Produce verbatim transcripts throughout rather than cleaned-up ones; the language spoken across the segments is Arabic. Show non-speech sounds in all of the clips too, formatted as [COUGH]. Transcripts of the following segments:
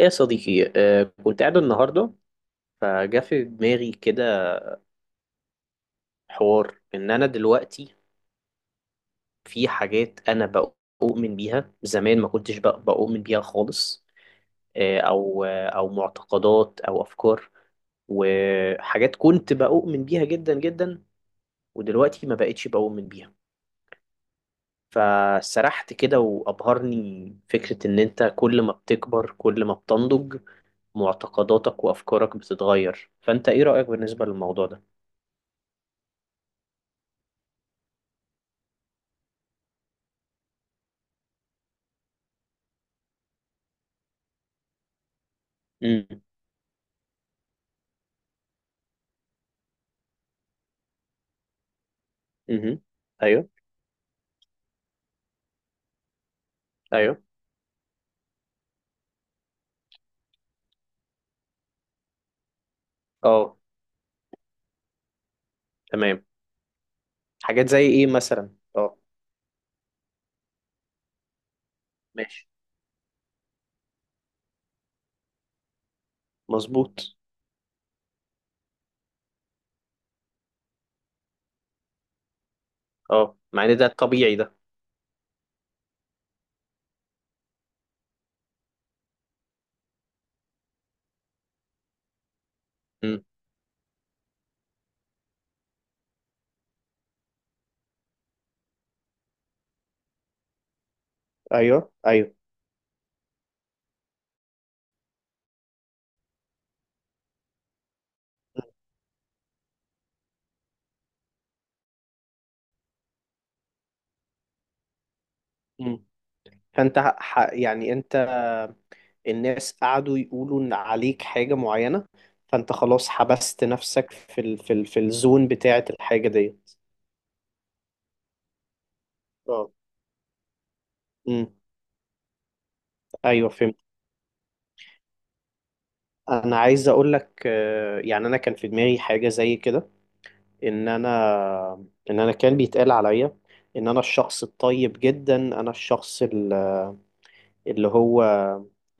يا صديقي، آه، كنت قاعد النهاردة. فجا في دماغي كده حوار إن أنا دلوقتي في حاجات أنا بؤمن بيها زمان ما كنتش بق- بؤمن بيها خالص. آه، أو آه، أو معتقدات أو أفكار وحاجات كنت بؤمن بيها جدا جدا، ودلوقتي ما بقتش بؤمن بيها. فسرحت كده وأبهرني فكرة إن أنت كل ما بتكبر كل ما بتنضج معتقداتك وأفكارك بتتغير. فأنت إيه رأيك بالنسبة للموضوع ده؟ مهم. ايوه، ايوه. اه، تمام. حاجات زي ايه مثلا؟ اه، ماشي. مظبوط. اه، مع ان ده الطبيعي ده. مم. ايوه، ايوه. مم. فانت ح... ح- يعني انت، الناس قعدوا يقولوا ان عليك حاجة معينة، فانت خلاص حبست نفسك في ال... في ال... في الزون بتاعة الحاجة ديت. اه، امم، ايوه، فهمت. انا عايز اقول لك، آه، يعني انا كان في دماغي حاجة زي كده، ان انا ان انا كان بيتقال عليا ان انا الشخص الطيب جدا، انا الشخص ال- اللي هو،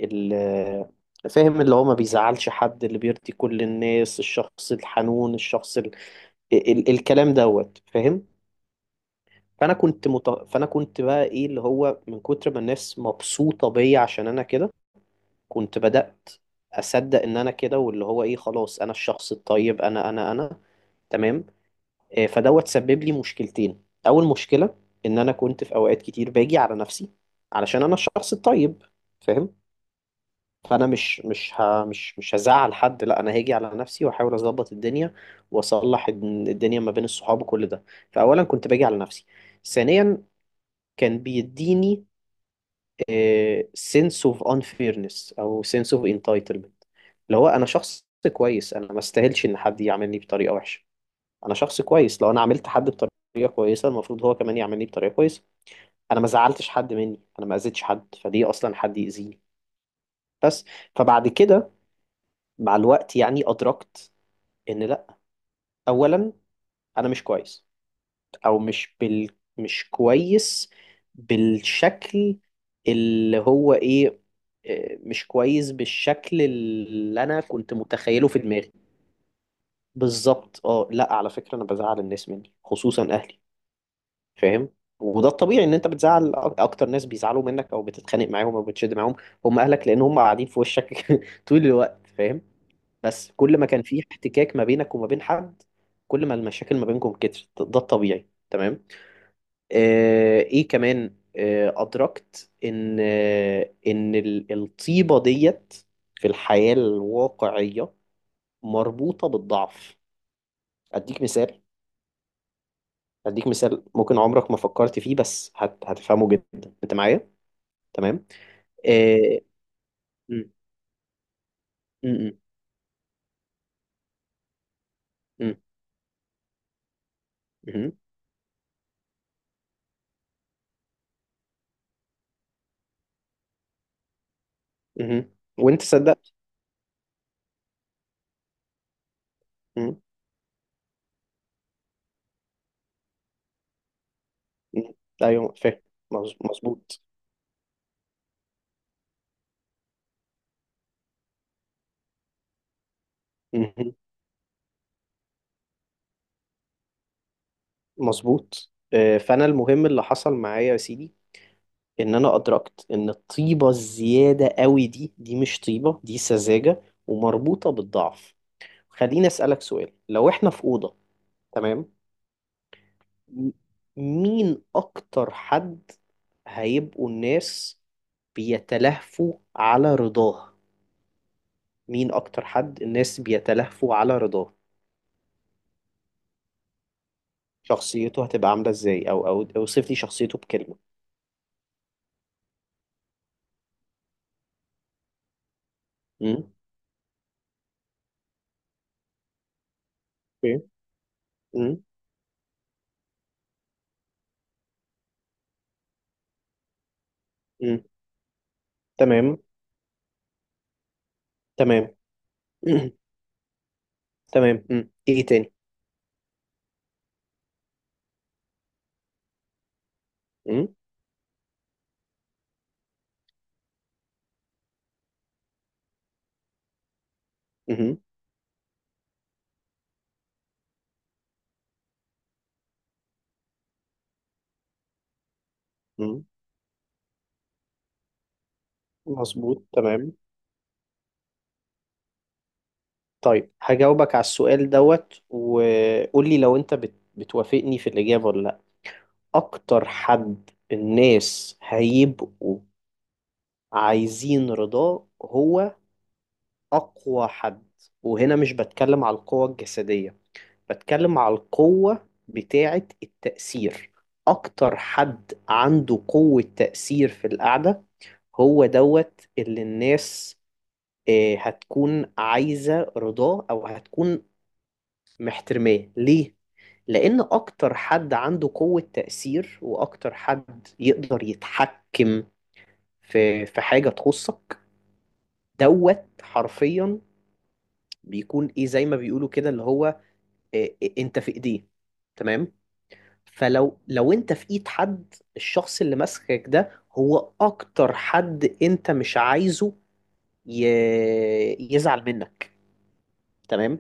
اللي فاهم، اللي هو ما بيزعلش حد، اللي بيرضي كل الناس، الشخص الحنون، الشخص ال... ال... الكلام دوت، فاهم. فانا كنت مت... فانا كنت بقى ايه، اللي هو من كتر ما الناس مبسوطة بيا عشان انا كده، كنت بدأت اصدق ان انا كده، واللي هو ايه، خلاص انا الشخص الطيب، انا انا انا. تمام. آه، فدوت سبب لي مشكلتين. اول مشكله ان انا كنت في اوقات كتير باجي على نفسي علشان انا الشخص الطيب، فاهم. فانا مش مش ه مش مش هزعل حد، لا انا هاجي على نفسي واحاول اظبط الدنيا واصلح الد- الدنيا ما بين الصحاب وكل ده. فاولا كنت باجي على نفسي. ثانيا كان بيديني آه، sense of unfairness او sense of entitlement. اللي هو انا شخص كويس، انا ما استاهلش ان حد يعاملني بطريقه وحشه. انا شخص كويس، لو انا عملت حد بطريقه كويسه المفروض هو كمان يعملني بطريقه كويسه. انا ما زعلتش حد مني، انا ما اذيتش حد، فدي اصلا حد يأذيني. بس، فبعد كده مع الوقت يعني ادركت ان لا. اولا، انا مش كويس، او مش بال مش كويس بالشكل اللي هو ايه، آه، مش كويس بالشكل اللي انا كنت متخيله في دماغي. بالظبط. اه، لا على فكره انا بزعل الناس مني خصوصا اهلي، فاهم. وده الطبيعي، ان انت بتزعل أك- اكتر ناس بيزعلوا منك او بتتخانق معاهم او بتشد معاهم هم اهلك، لان هم قاعدين في وشك [LAUGHS] طول الوقت، فاهم. بس كل ما كان في احتكاك ما بينك وما بين حد، كل ما المشاكل ما بينكم كترت ده الطبيعي. تمام. آه ايه كمان، آه ادركت ان آه ان ال- الطيبة ديت في الحياة الواقعية مربوطة بالضعف. اديك مثال، اديك مثال ممكن عمرك ما فكرت فيه، بس هت... هتفهمه جدا انت معايا. تمام. آه، م- م- م- م- م- م- وانت صدقت. م- م. ايوه فاهم. مظ- مظبوط. م- م. مظبوط. آه، فانا المهم اللي حصل معايا يا سيدي، ان انا ادركت ان الطيبه الزياده قوي دي، دي مش طيبه، دي سذاجه ومربوطه بالضعف. خليني اسالك سؤال. لو احنا في اوضه، تمام. م- مين اكتر حد هيبقوا الناس بيتلهفوا على رضاه؟ مين اكتر حد الناس بيتلهفوا على رضاه؟ شخصيته هتبقى عامله ازاي، او او اوصف لي شخصيته بكلمه. امم، اوكي. امم، امم. تمام، تمام. [CLEARS THROAT] مم. تمام. امم، ايه تاني؟ امم، امم، امم. مظبوط، تمام. طيب هجاوبك على السؤال دوت وقول لي لو انت بت... بتوافقني في الاجابه ولا لا. اكتر حد الناس هيبقوا عايزين رضاه هو اقوى حد. وهنا مش بتكلم على القوة الجسدية، بتكلم على القوة بتاعة التأثير. أكتر حد عنده قوة تأثير في القعدة هو دوت اللي الناس آه، هتكون عايزة رضاه أو هتكون محترماه. ليه؟ لأن أكتر حد عنده قوة تأثير وأكتر حد يقدر يتحكم في في حاجة تخصك، دوت حرفيا. بيكون إيه زي ما بيقولوا كده، اللي هو آه، أنت في إيديه، تمام. فلو لو انت في ايد حد، الشخص اللي ماسكك ده هو اكتر حد انت مش عايزه ي... يزعل منك، تمام.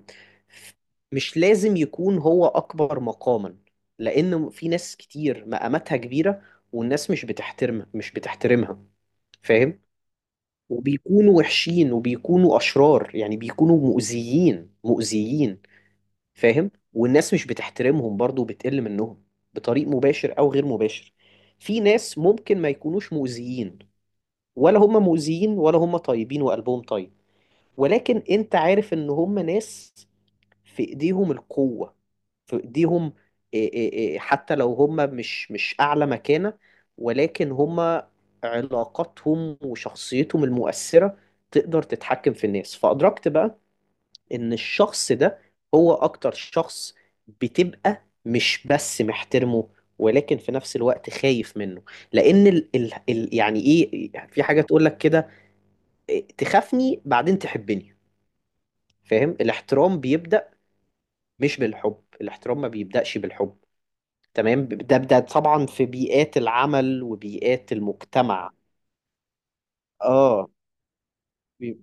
مش لازم يكون هو اكبر مقاما، لان في ناس كتير مقاماتها كبيرة والناس مش بتحترمها، مش بتحترمها، فاهم. وبيكونوا وحشين وبيكونوا اشرار، يعني بيكونوا مؤذيين مؤذيين، فاهم. والناس مش بتحترمهم برضو وبتقل منهم بطريق مباشر او غير مباشر. في ناس ممكن ما يكونوش مؤذيين، ولا هم مؤذيين ولا هم طيبين وقلبهم طيب، ولكن انت عارف ان هم ناس في ايديهم القوة، في ايديهم إيه إيه إيه، حتى لو هم مش مش اعلى مكانة، ولكن هم علاقاتهم وشخصيتهم المؤثرة تقدر تتحكم في الناس. فأدركت بقى ان الشخص ده هو اكتر شخص بتبقى مش بس محترمه، ولكن في نفس الوقت خايف منه. لان ال ال ال يعني ايه، في حاجة تقول لك كده، إيه، تخافني بعدين تحبني، فاهم. الاحترام بيبدأ مش بالحب، الاحترام ما بيبدأش بالحب. تمام. ده ده طبعا في بيئات العمل وبيئات المجتمع. اه، بي-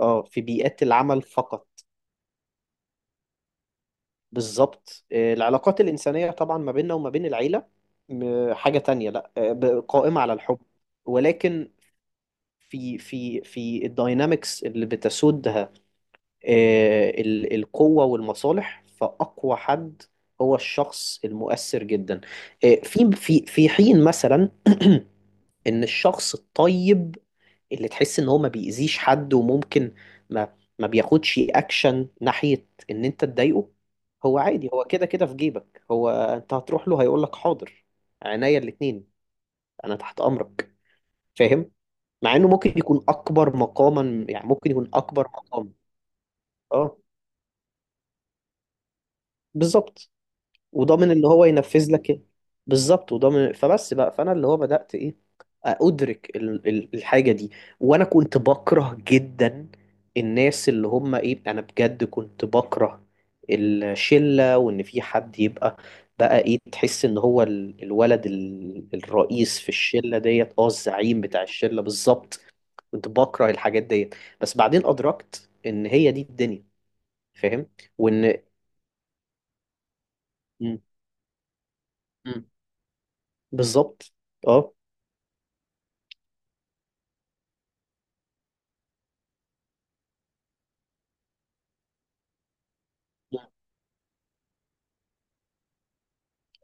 اه في بيئات العمل فقط. بالظبط. آه، العلاقات الإنسانية طبعا ما بيننا وما بين العيلة، م- حاجة تانية. لا آه، ب- قائمة على الحب، ولكن في في في الداينامكس اللي بتسودها آه، ال- القوة والمصالح، فأقوى حد هو الشخص المؤثر جدا. آه، في في في حين مثلا [CLEARS THROAT] إن الشخص الطيب اللي تحس ان هو ما بيأذيش حد وممكن ما ما بياخدش اكشن ناحية ان انت تضايقه، هو عادي، هو كده كده في جيبك، هو انت هتروح له هيقول لك حاضر، عينيا الاتنين، انا تحت امرك، فاهم. مع انه ممكن يكون اكبر مقاما، يعني ممكن يكون اكبر مقام. اه، بالظبط وضامن اللي هو ينفذ لك إيه. بالظبط وضامن. فبس بقى، فانا اللي هو بدات ايه، ادرك ال- ال- الحاجه دي. وانا كنت بكره جدا الناس اللي هم ايه، انا بجد كنت بكره الشله وان في حد يبقى بقى ايه، تحس ان هو ال- الولد ال- الرئيس في الشله ديت، اه الزعيم بتاع الشله، بالظبط. كنت بكره الحاجات ديت. بس بعدين ادركت ان هي دي الدنيا، فاهم. وان م- م- بالظبط. اه،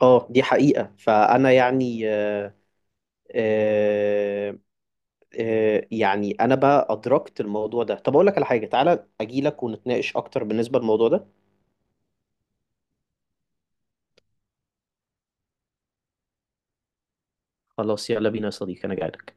اه دي حقيقة. فأنا يعني، آه، آه، آه، يعني أنا بقى أدركت الموضوع ده. طب أقول لك على حاجة، تعالى أجي لك ونتناقش أكتر بالنسبة للموضوع ده. خلاص، يلا بينا يا صديقي، أنا جاي لك.